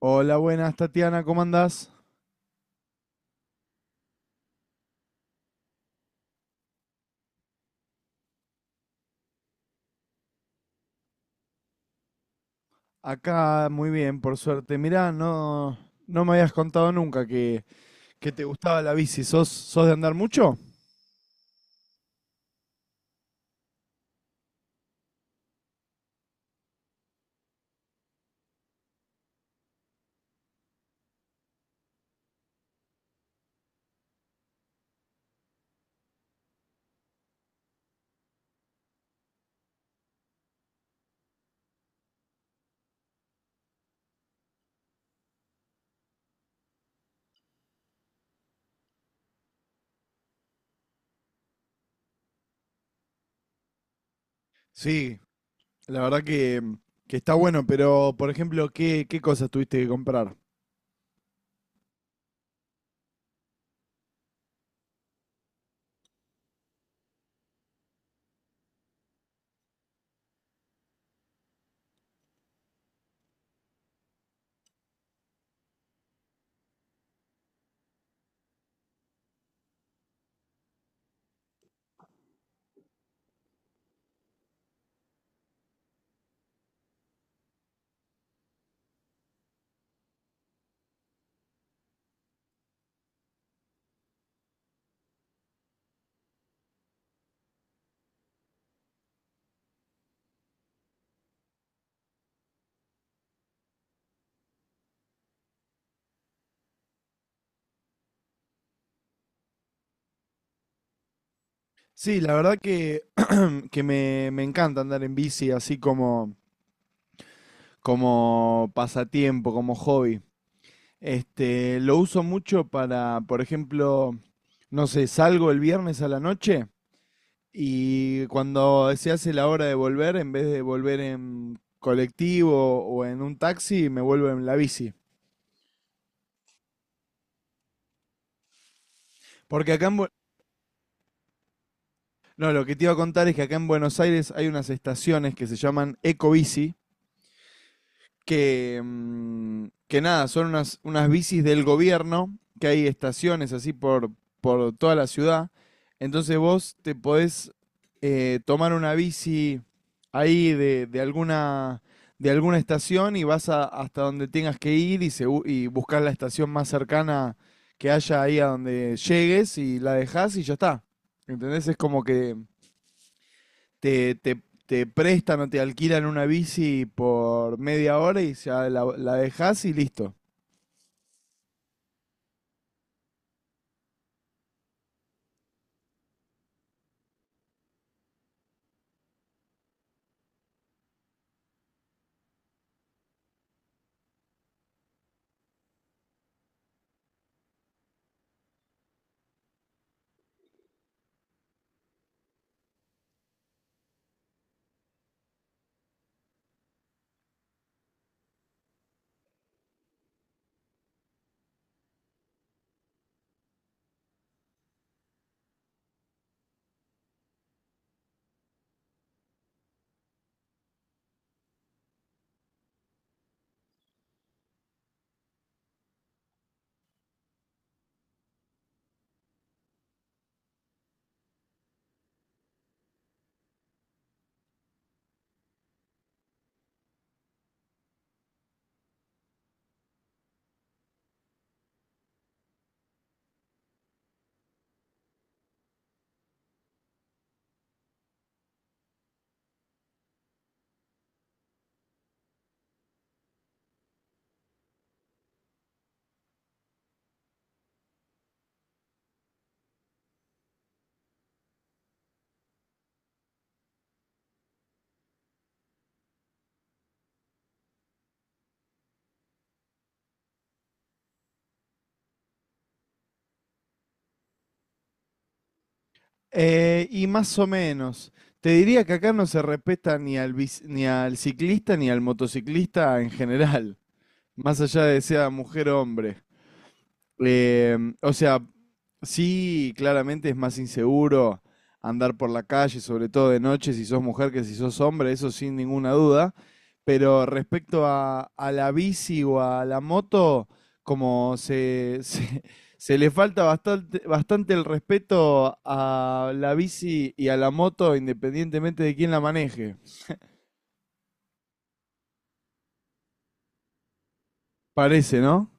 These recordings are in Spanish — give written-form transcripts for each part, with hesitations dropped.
Hola, buenas Tatiana, ¿cómo andás? Acá muy bien, por suerte. Mirá, no, no me habías contado nunca que te gustaba la bici. ¿Sos de andar mucho? Sí, la verdad que está bueno, pero por ejemplo, ¿qué cosas tuviste que comprar? Sí, la verdad que me encanta andar en bici así como pasatiempo, como hobby. Este, lo uso mucho para, por ejemplo, no sé, salgo el viernes a la noche y cuando se hace la hora de volver, en vez de volver en colectivo o en un taxi, me vuelvo en la bici. Porque acá en, no, lo que te iba a contar es que acá en Buenos Aires hay unas estaciones que se llaman Ecobici, que nada, son unas, unas bicis del gobierno, que hay estaciones así por toda la ciudad. Entonces vos te podés tomar una bici ahí de alguna estación y hasta donde tengas que ir y, y buscar la estación más cercana que haya ahí a donde llegues y la dejás y ya está. ¿Entendés? Es como que te prestan o te alquilan una bici por media hora y ya la dejas y listo. Y más o menos, te diría que acá no se respeta ni al ciclista ni al motociclista en general, más allá de sea mujer o hombre. O sea, sí, claramente es más inseguro andar por la calle, sobre todo de noche, si sos mujer que si sos hombre, eso sin ninguna duda. Pero respecto a la bici o a la moto, como se le falta bastante, bastante el respeto a la bici y a la moto, independientemente de quién la maneje. Parece, ¿no?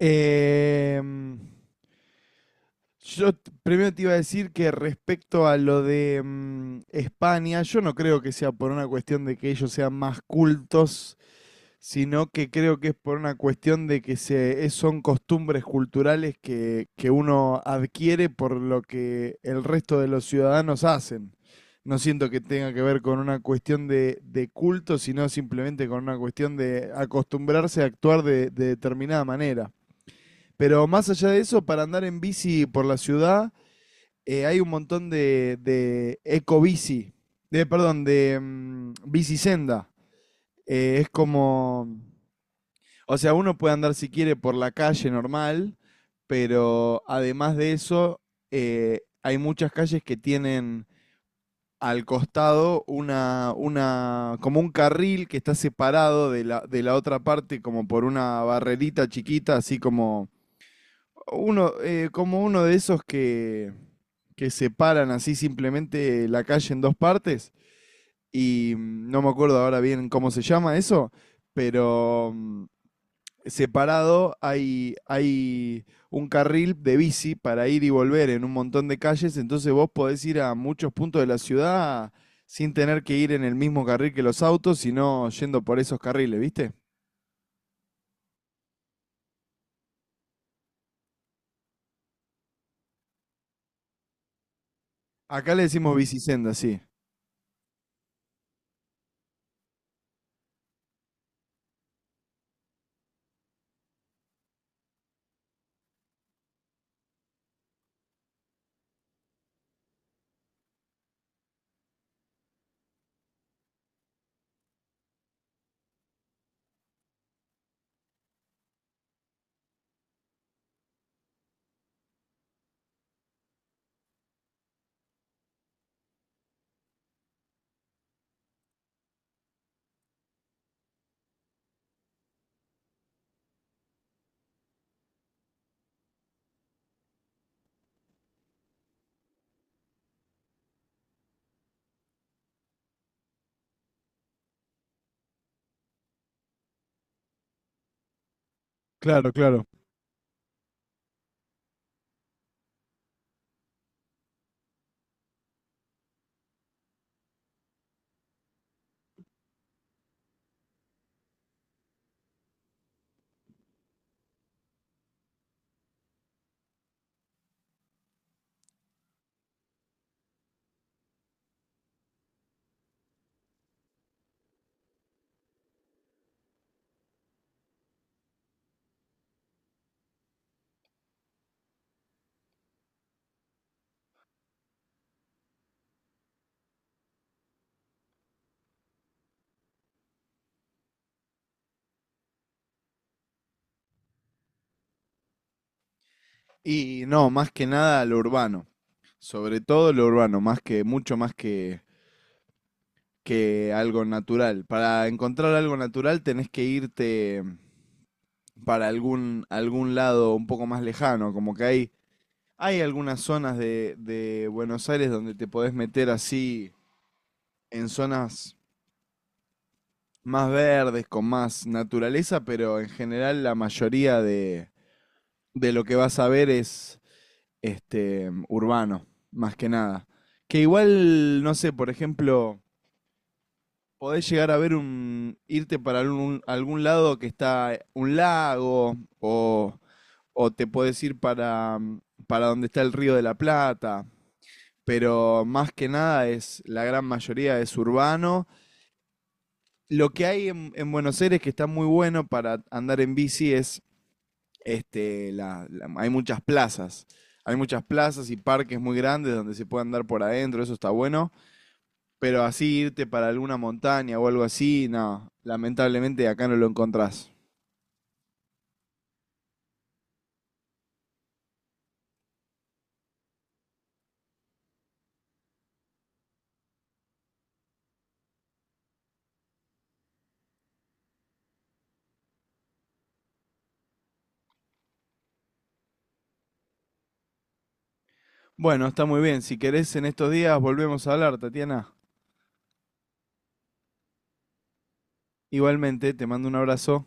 Em, primero te iba a decir que respecto a lo de España, yo no creo que sea por una cuestión de que ellos sean más cultos, sino que creo que es por una cuestión de son costumbres culturales que uno adquiere por lo que el resto de los ciudadanos hacen. No siento que tenga que ver con una cuestión de culto, sino simplemente con una cuestión de acostumbrarse a actuar de determinada manera. Pero más allá de eso, para andar en bici por la ciudad, hay un montón de eco-bici, de, perdón, de bicisenda. Es como, o sea, uno puede andar si quiere por la calle normal, pero además de eso, hay muchas calles que tienen al costado una, como un carril que está separado de la otra parte como por una barrerita chiquita, así como uno de esos que separan así simplemente la calle en dos partes y no me acuerdo ahora bien cómo se llama eso, pero separado hay un carril de bici para ir y volver en un montón de calles, entonces vos podés ir a muchos puntos de la ciudad sin tener que ir en el mismo carril que los autos, sino yendo por esos carriles, ¿viste? Acá le decimos bicisenda, sí. Claro, claro. Y no, más que nada lo urbano. Sobre todo lo urbano, más mucho más que algo natural. Para encontrar algo natural tenés que irte para algún, algún lado un poco más lejano. Como que hay algunas zonas de Buenos Aires donde te podés meter así en zonas más verdes, con más naturaleza, pero en general la mayoría de lo que vas a ver es este, urbano, más que nada. Que igual, no sé, por ejemplo, podés llegar a ver un, irte para algún, algún lado que está un lago, o te podés ir para donde está el Río de la Plata, pero más que nada es, la gran mayoría es urbano. Lo que hay en Buenos Aires que está muy bueno para andar en bici es este, hay muchas plazas. Hay muchas plazas y parques muy grandes donde se puede andar por adentro, eso está bueno. Pero así irte para alguna montaña o algo así, no, lamentablemente acá no lo encontrás. Bueno, está muy bien. Si querés, en estos días volvemos a hablar, Tatiana. Igualmente, te mando un abrazo.